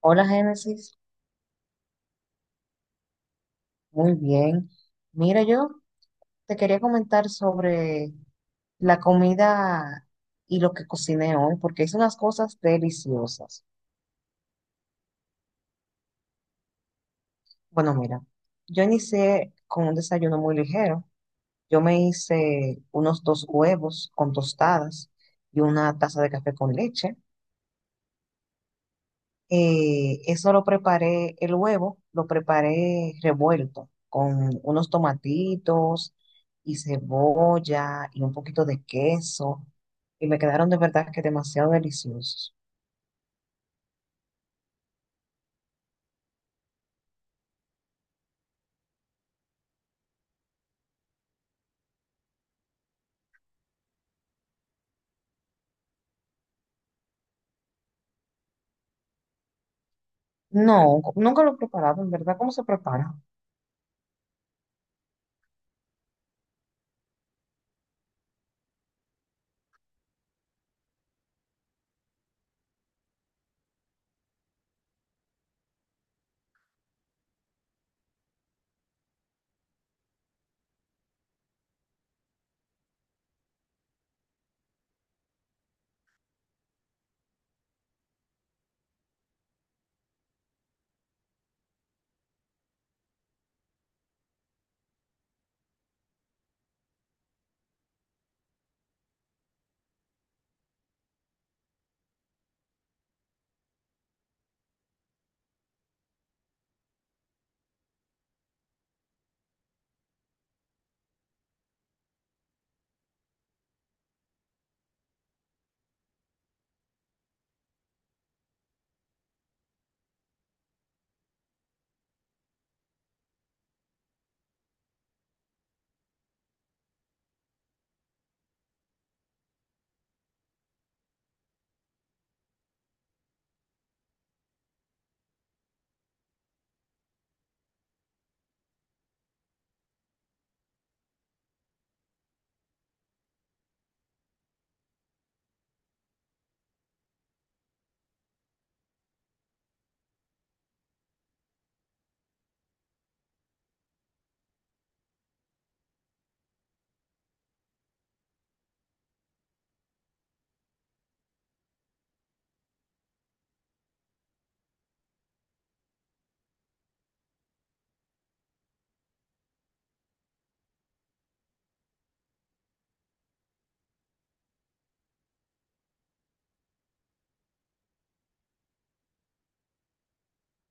Hola Génesis, muy bien. Mira, yo te quería comentar sobre la comida y lo que cociné hoy, porque hice unas cosas deliciosas. Bueno, mira, yo inicié con un desayuno muy ligero. Yo me hice unos dos huevos con tostadas y una taza de café con leche. Eso lo preparé, el huevo lo preparé revuelto con unos tomatitos y cebolla y un poquito de queso. Y me quedaron de verdad que demasiado deliciosos. No, nunca lo he preparado, en verdad, ¿cómo se prepara?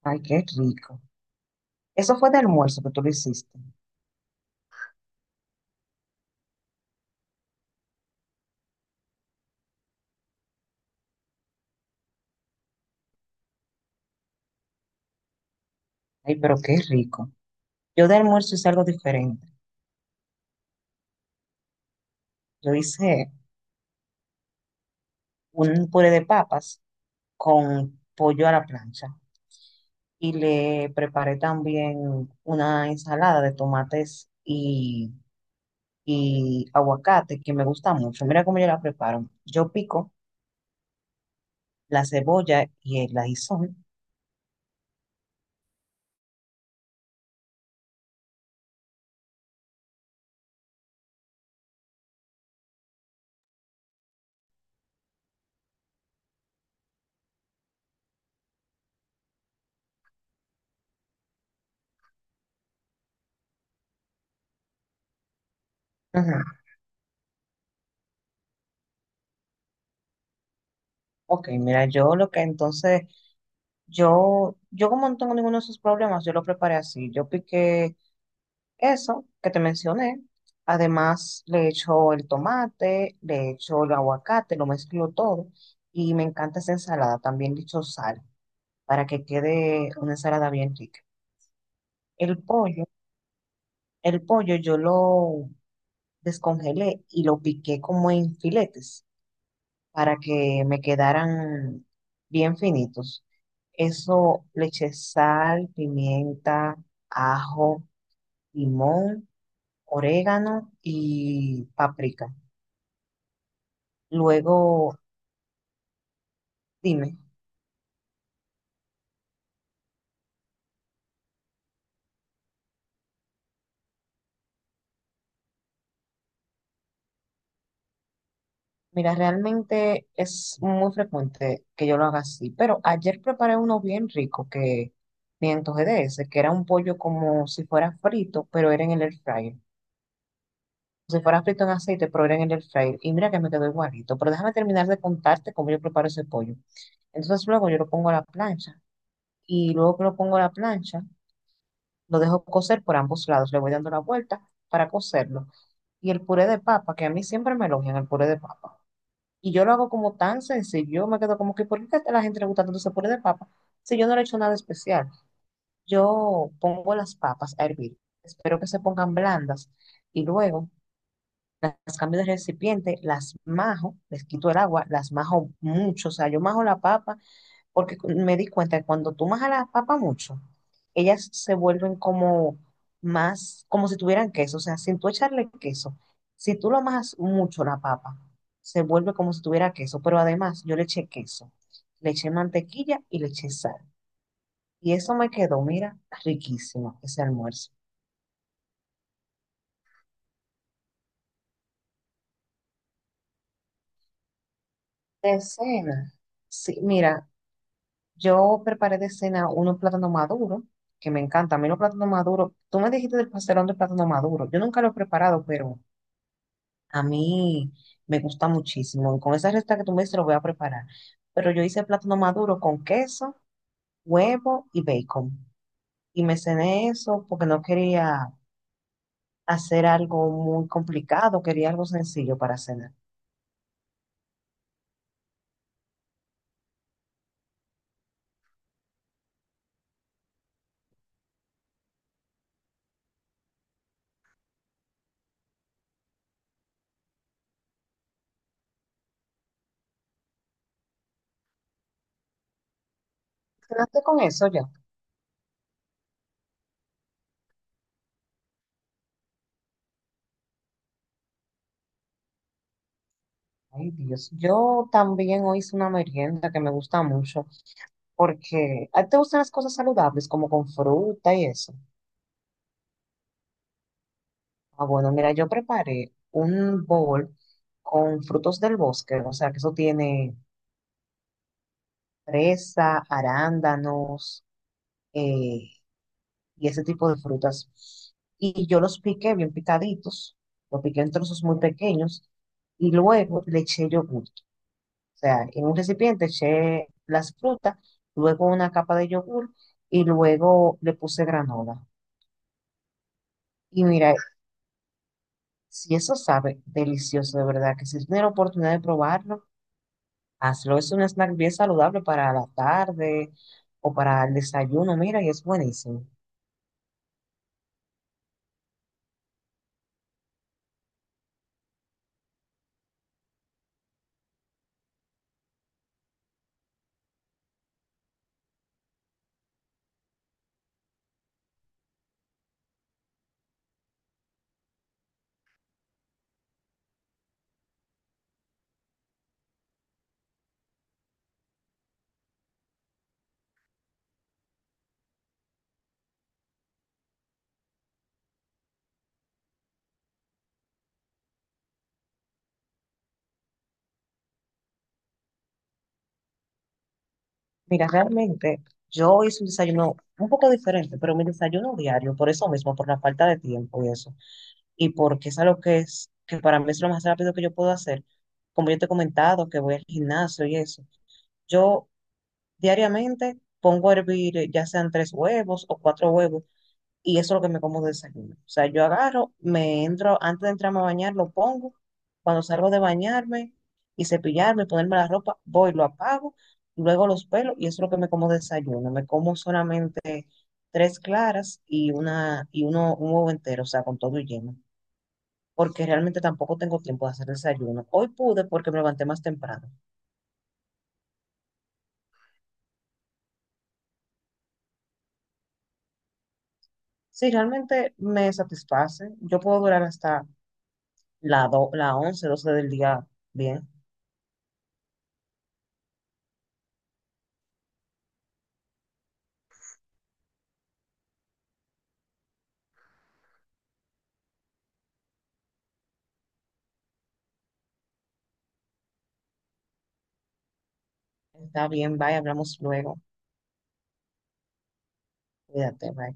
Ay, qué rico. Eso fue de almuerzo que tú lo hiciste. Ay, pero qué rico. Yo de almuerzo hice algo diferente. Yo hice un puré de papas con pollo a la plancha, y le preparé también una ensalada de tomates y aguacate que me gusta mucho. Mira cómo yo la preparo. Yo pico la cebolla y el ajísol. Ujú. Ok, mira, yo lo que entonces, yo como no tengo ninguno de esos problemas, yo lo preparé así. Yo piqué eso que te mencioné. Además, le echo el tomate, le echo el aguacate, lo mezclo todo. Y me encanta esa ensalada. También le echo sal, para que quede una ensalada bien rica. El pollo, el pollo yo lo descongelé y lo piqué como en filetes para que me quedaran bien finitos. Eso le eché sal, pimienta, ajo, limón, orégano y paprika. Luego, dime. Mira, realmente es muy frecuente que yo lo haga así, pero ayer preparé uno bien rico que me antojé de ese, que era un pollo como si fuera frito, pero era en el air fryer. Si fuera frito en aceite, pero era en el air fryer. Y mira que me quedó igualito, pero déjame terminar de contarte cómo yo preparo ese pollo. Entonces luego yo lo pongo a la plancha, y luego que lo pongo a la plancha, lo dejo cocer por ambos lados, le voy dando la vuelta para cocerlo. Y el puré de papa, que a mí siempre me elogian el puré de papa. Y yo lo hago como tan sencillo, yo me quedo como que, ¿por qué a la gente le gusta tanto ese puré de papa? Si yo no le he hecho nada especial, yo pongo las papas a hervir, espero que se pongan blandas, y luego las cambio de recipiente, las majo, les quito el agua, las majo mucho, o sea, yo majo la papa porque me di cuenta que cuando tú a las papas mucho, ellas se vuelven como más, como si tuvieran queso, o sea, sin tú echarle queso, si tú lo amas mucho la papa, se vuelve como si tuviera queso, pero además yo le eché queso, le eché mantequilla y le eché sal. Y eso me quedó, mira, riquísimo ese almuerzo. De cena, sí, mira, yo preparé de cena unos plátanos maduros, que me encanta. A mí los plátanos maduros, tú me dijiste del pastelón de plátano maduro. Yo nunca lo he preparado, pero a mí me gusta muchísimo. Y con esa receta que tú me dices, lo voy a preparar. Pero yo hice plátano maduro con queso, huevo y bacon. Y me cené eso porque no quería hacer algo muy complicado, quería algo sencillo para cenar. ¿Cenaste con eso ya? Ay, Dios. Yo también hoy hice una merienda que me gusta mucho porque a ti te gustan las cosas saludables, como con fruta y eso. Ah, bueno, mira, yo preparé un bowl con frutos del bosque, o sea, que eso tiene fresa, arándanos eh, y ese tipo de frutas. Y yo los piqué bien picaditos, los piqué en trozos muy pequeños y luego le eché yogur. O sea, en un recipiente eché las frutas, luego una capa de yogur y luego le puse granola. Y mira, si eso sabe delicioso, de verdad, que si tienes la oportunidad de probarlo, hazlo. Es un snack bien saludable para la tarde o para el desayuno, mira, y es buenísimo. Mira, realmente yo hice un desayuno un poco diferente, pero mi desayuno diario, por eso mismo, por la falta de tiempo y eso, y porque es algo que es, que para mí es lo más rápido que yo puedo hacer, como yo te he comentado, que voy al gimnasio y eso, yo diariamente pongo a hervir ya sean tres huevos o cuatro huevos, y eso es lo que me como de desayuno. O sea, yo agarro, me entro, antes de entrarme a bañar, lo pongo. Cuando salgo de bañarme y cepillarme, ponerme la ropa, voy, lo apago, luego los pelos y eso es lo que me como de desayuno. Me como solamente tres claras y una y uno un huevo entero, o sea, con todo y lleno, porque realmente tampoco tengo tiempo de hacer desayuno. Hoy pude porque me levanté más temprano. Si realmente me satisface, yo puedo durar hasta la 11 12 del día bien. Está bien, bye, hablamos luego. Cuídate, bye.